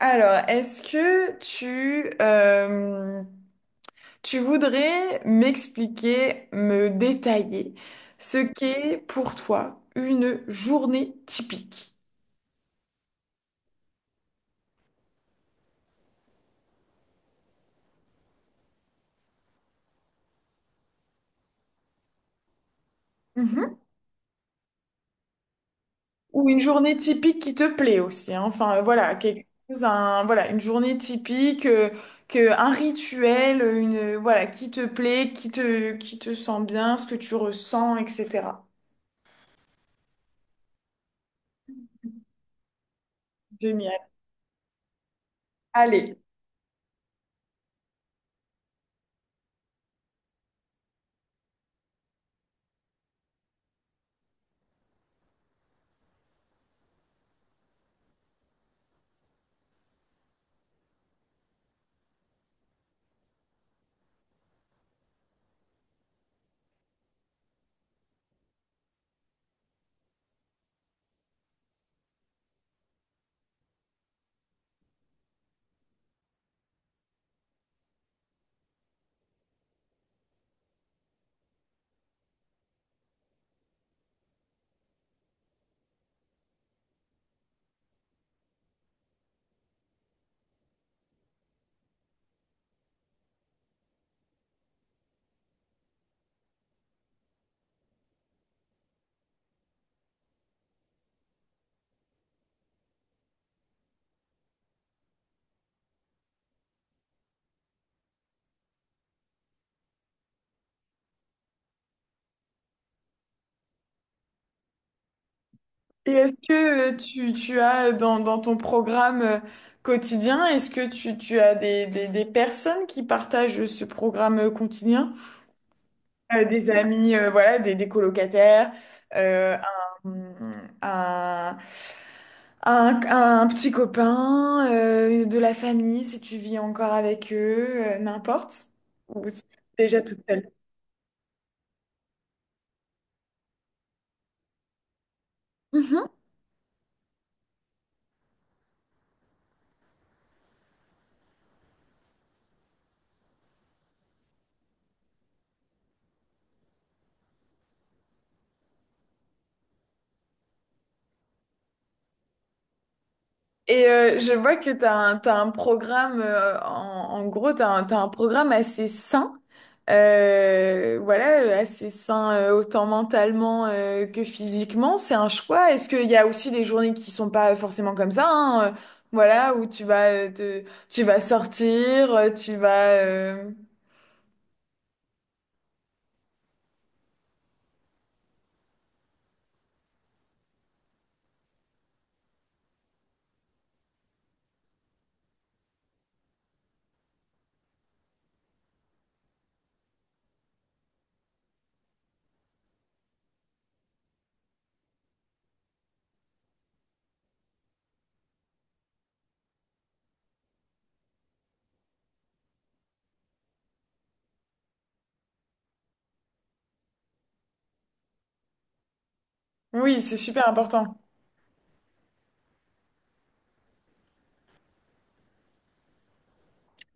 Alors, est-ce que tu voudrais m'expliquer, me détailler ce qu'est pour toi une journée typique? Mhm. Ou une journée typique qui te plaît aussi, hein. Enfin, voilà, quelque chose, un, voilà, une journée typique, un rituel, une, voilà, qui te plaît, qui te sent bien, ce que tu ressens, etc. Génial. Allez. Et est-ce que tu as dans ton programme quotidien, est-ce que tu as des personnes qui partagent ce programme quotidien? Des amis, voilà, des colocataires, euh, un, un, un petit copain, de la famille, si tu vis encore avec eux, n'importe. Ou si tu es déjà toute seule. Et je vois que t'as un programme, en gros, tu as, un t'as un programme assez sain, voilà, assez sain autant mentalement que physiquement. C'est un choix. Est-ce qu'il y a aussi des journées qui sont pas forcément comme ça, hein, voilà, où tu vas, tu vas sortir, tu vas... Oui, c'est super important.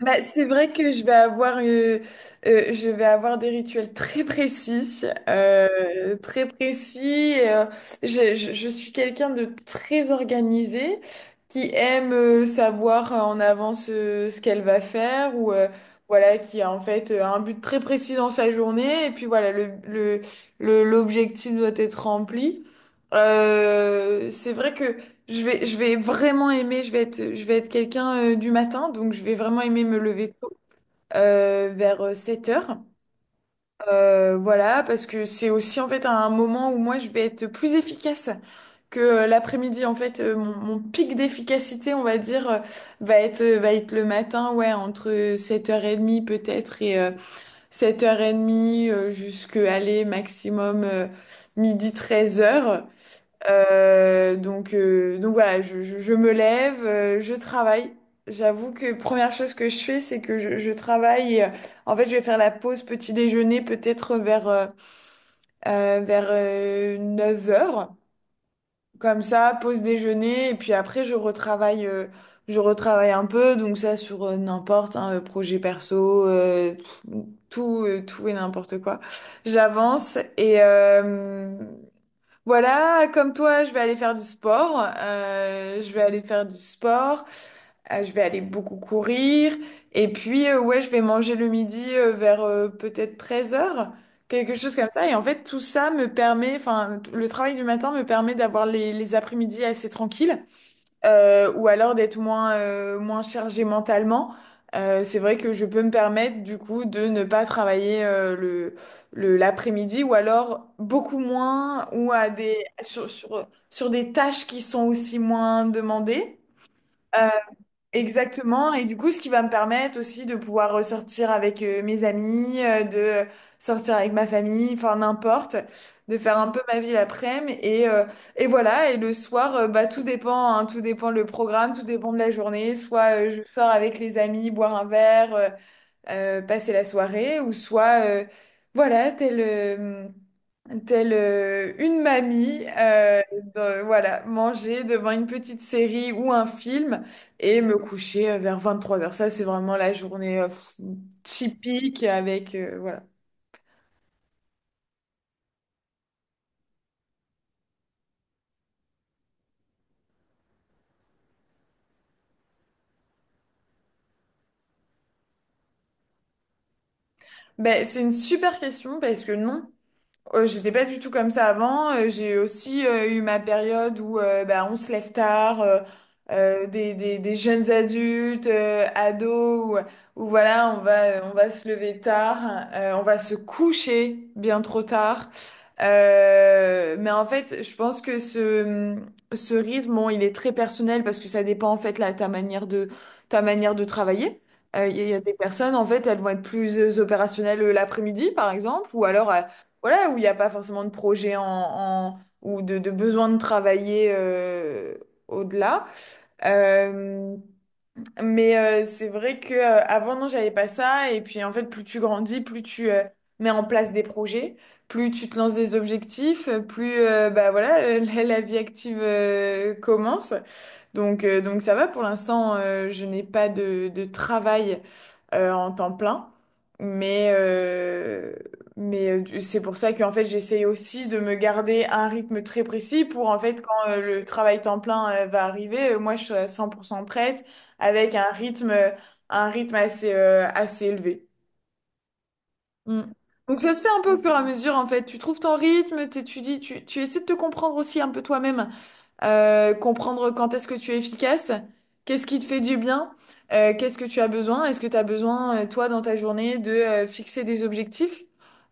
Bah, c'est vrai que je vais avoir des rituels très précis, très précis. Je suis quelqu'un de très organisé qui aime savoir en avance ce qu'elle va faire ou voilà qui a en fait un but très précis dans sa journée et puis voilà l'objectif doit être rempli. C'est vrai que je vais vraiment aimer, je vais être quelqu'un du matin, donc je vais vraiment aimer me lever tôt, vers 7 heures. Voilà, parce que c'est aussi en fait un moment où moi je vais être plus efficace que l'après-midi. En fait, mon pic d'efficacité, on va dire, va être le matin, ouais, entre 7h30 peut-être et 7h30 jusqu'à aller maximum midi 13 heures donc voilà, je me lève, je travaille. J'avoue que première chose que je fais, c'est que je travaille. Et, en fait, je vais faire la pause petit déjeuner peut-être vers, vers 9 heures. Comme ça, pause déjeuner. Et puis après, je retravaille un peu. Donc ça, sur n'importe, un projet perso, tout, tout et n'importe quoi. J'avance et... voilà, comme toi, je vais aller faire du sport. Je vais aller faire du sport. Je vais aller beaucoup courir. Et puis, ouais, je vais manger le midi vers peut-être 13 heures, quelque chose comme ça. Et en fait, tout ça me permet, enfin, t- le travail du matin me permet d'avoir les après-midi assez tranquilles ou alors d'être moins, moins chargé mentalement. C'est vrai que je peux me permettre du coup de ne pas travailler l'après-midi ou alors beaucoup moins ou à des, sur des tâches qui sont aussi moins demandées. Euh, Exactement, et du coup, ce qui va me permettre aussi de pouvoir ressortir avec mes amis, de sortir avec ma famille, enfin n'importe, de faire un peu ma vie l'après-midi, et voilà, et le soir, bah, tout dépend, hein, tout dépend le programme, tout dépend de la journée, soit je sors avec les amis, boire un verre, passer la soirée, ou soit, voilà, telle, telle une mamie, de- voilà, manger devant une petite série ou un film et me coucher vers 3 heures. Ça, c'est vraiment la journée pff, typique avec, voilà. Ben, c'est une super question parce que non. J'étais pas du tout comme ça avant. J'ai aussi eu ma période où bah, on se lève tard, des jeunes adultes, ados, où voilà, on va se lever tard, on va se coucher bien trop tard. Mais en fait, je pense que ce rythme, bon, il est très personnel parce que ça dépend en fait là, ta manière de travailler. Il y a des personnes, en fait, elles vont être plus opérationnelles l'après-midi, par exemple, ou alors voilà, où il n'y a pas forcément de projet en, en- ou de besoin de travailler au-delà. Euh, mais c'est vrai que avant non, j'avais pas ça. Et puis en fait, plus tu grandis, plus tu mets en place des projets, plus tu te lances des objectifs, plus bah voilà, la vie active commence. Donc ça va pour l'instant, je n'ai pas de travail en temps plein, mais, euh, mais du- c'est pour ça qu'en fait j'essaye aussi de me garder un rythme très précis pour en fait quand le travail temps plein va arriver, moi je suis à 100% prête avec un rythme assez, assez élevé. Mm. Donc ça se fait un peu au fur et à mesure en fait, tu trouves ton rythme, t'étudies, tu essaies de te comprendre aussi un peu toi-même comprendre quand est-ce que tu es efficace, qu'est-ce qui te fait du bien, qu'est-ce que tu as besoin, est-ce que tu as besoin, toi, dans ta journée, de fixer des objectifs?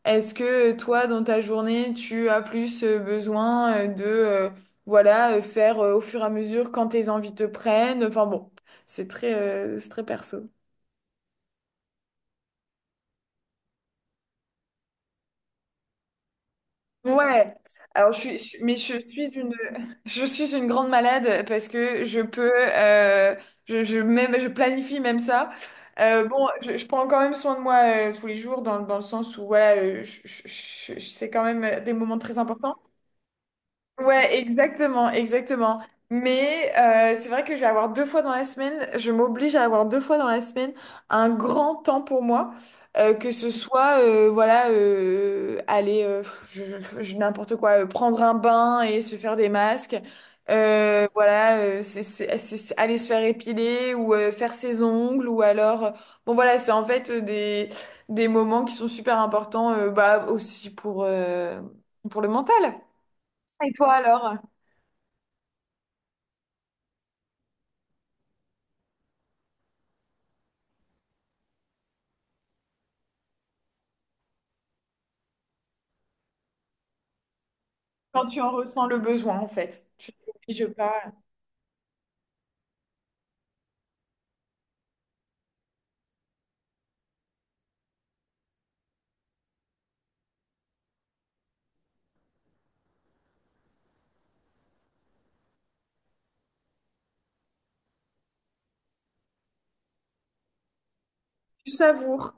Est-ce que toi, dans ta journée, tu as plus besoin de, voilà, faire au fur et à mesure quand tes envies te prennent? Enfin bon, c'est très perso. Ouais, alors mais je suis une, je suis une grande malade parce que je peux, je même, je planifie même ça. Bon, je prends quand même soin de moi tous les jours dans, dans le sens où voilà, c'est quand même des moments très importants. Ouais, exactement, exactement. Mais c'est vrai que je m'oblige à avoir deux fois dans la semaine un grand temps pour moi, que ce soit, voilà, aller, je, n'importe quoi, prendre un bain et se faire des masques, voilà, c'est aller se faire épiler ou faire ses ongles ou alors, bon voilà, c'est en fait des moments qui sont super importants, bah aussi pour le mental. Et toi alors? Quand tu en ressens le besoin, en fait. Tu t'obliges pas. Tu savoures.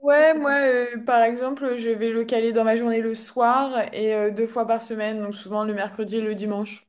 Ouais, moi, par exemple, je vais le caler dans ma journée le soir et deux fois par semaine, donc souvent le mercredi et le dimanche.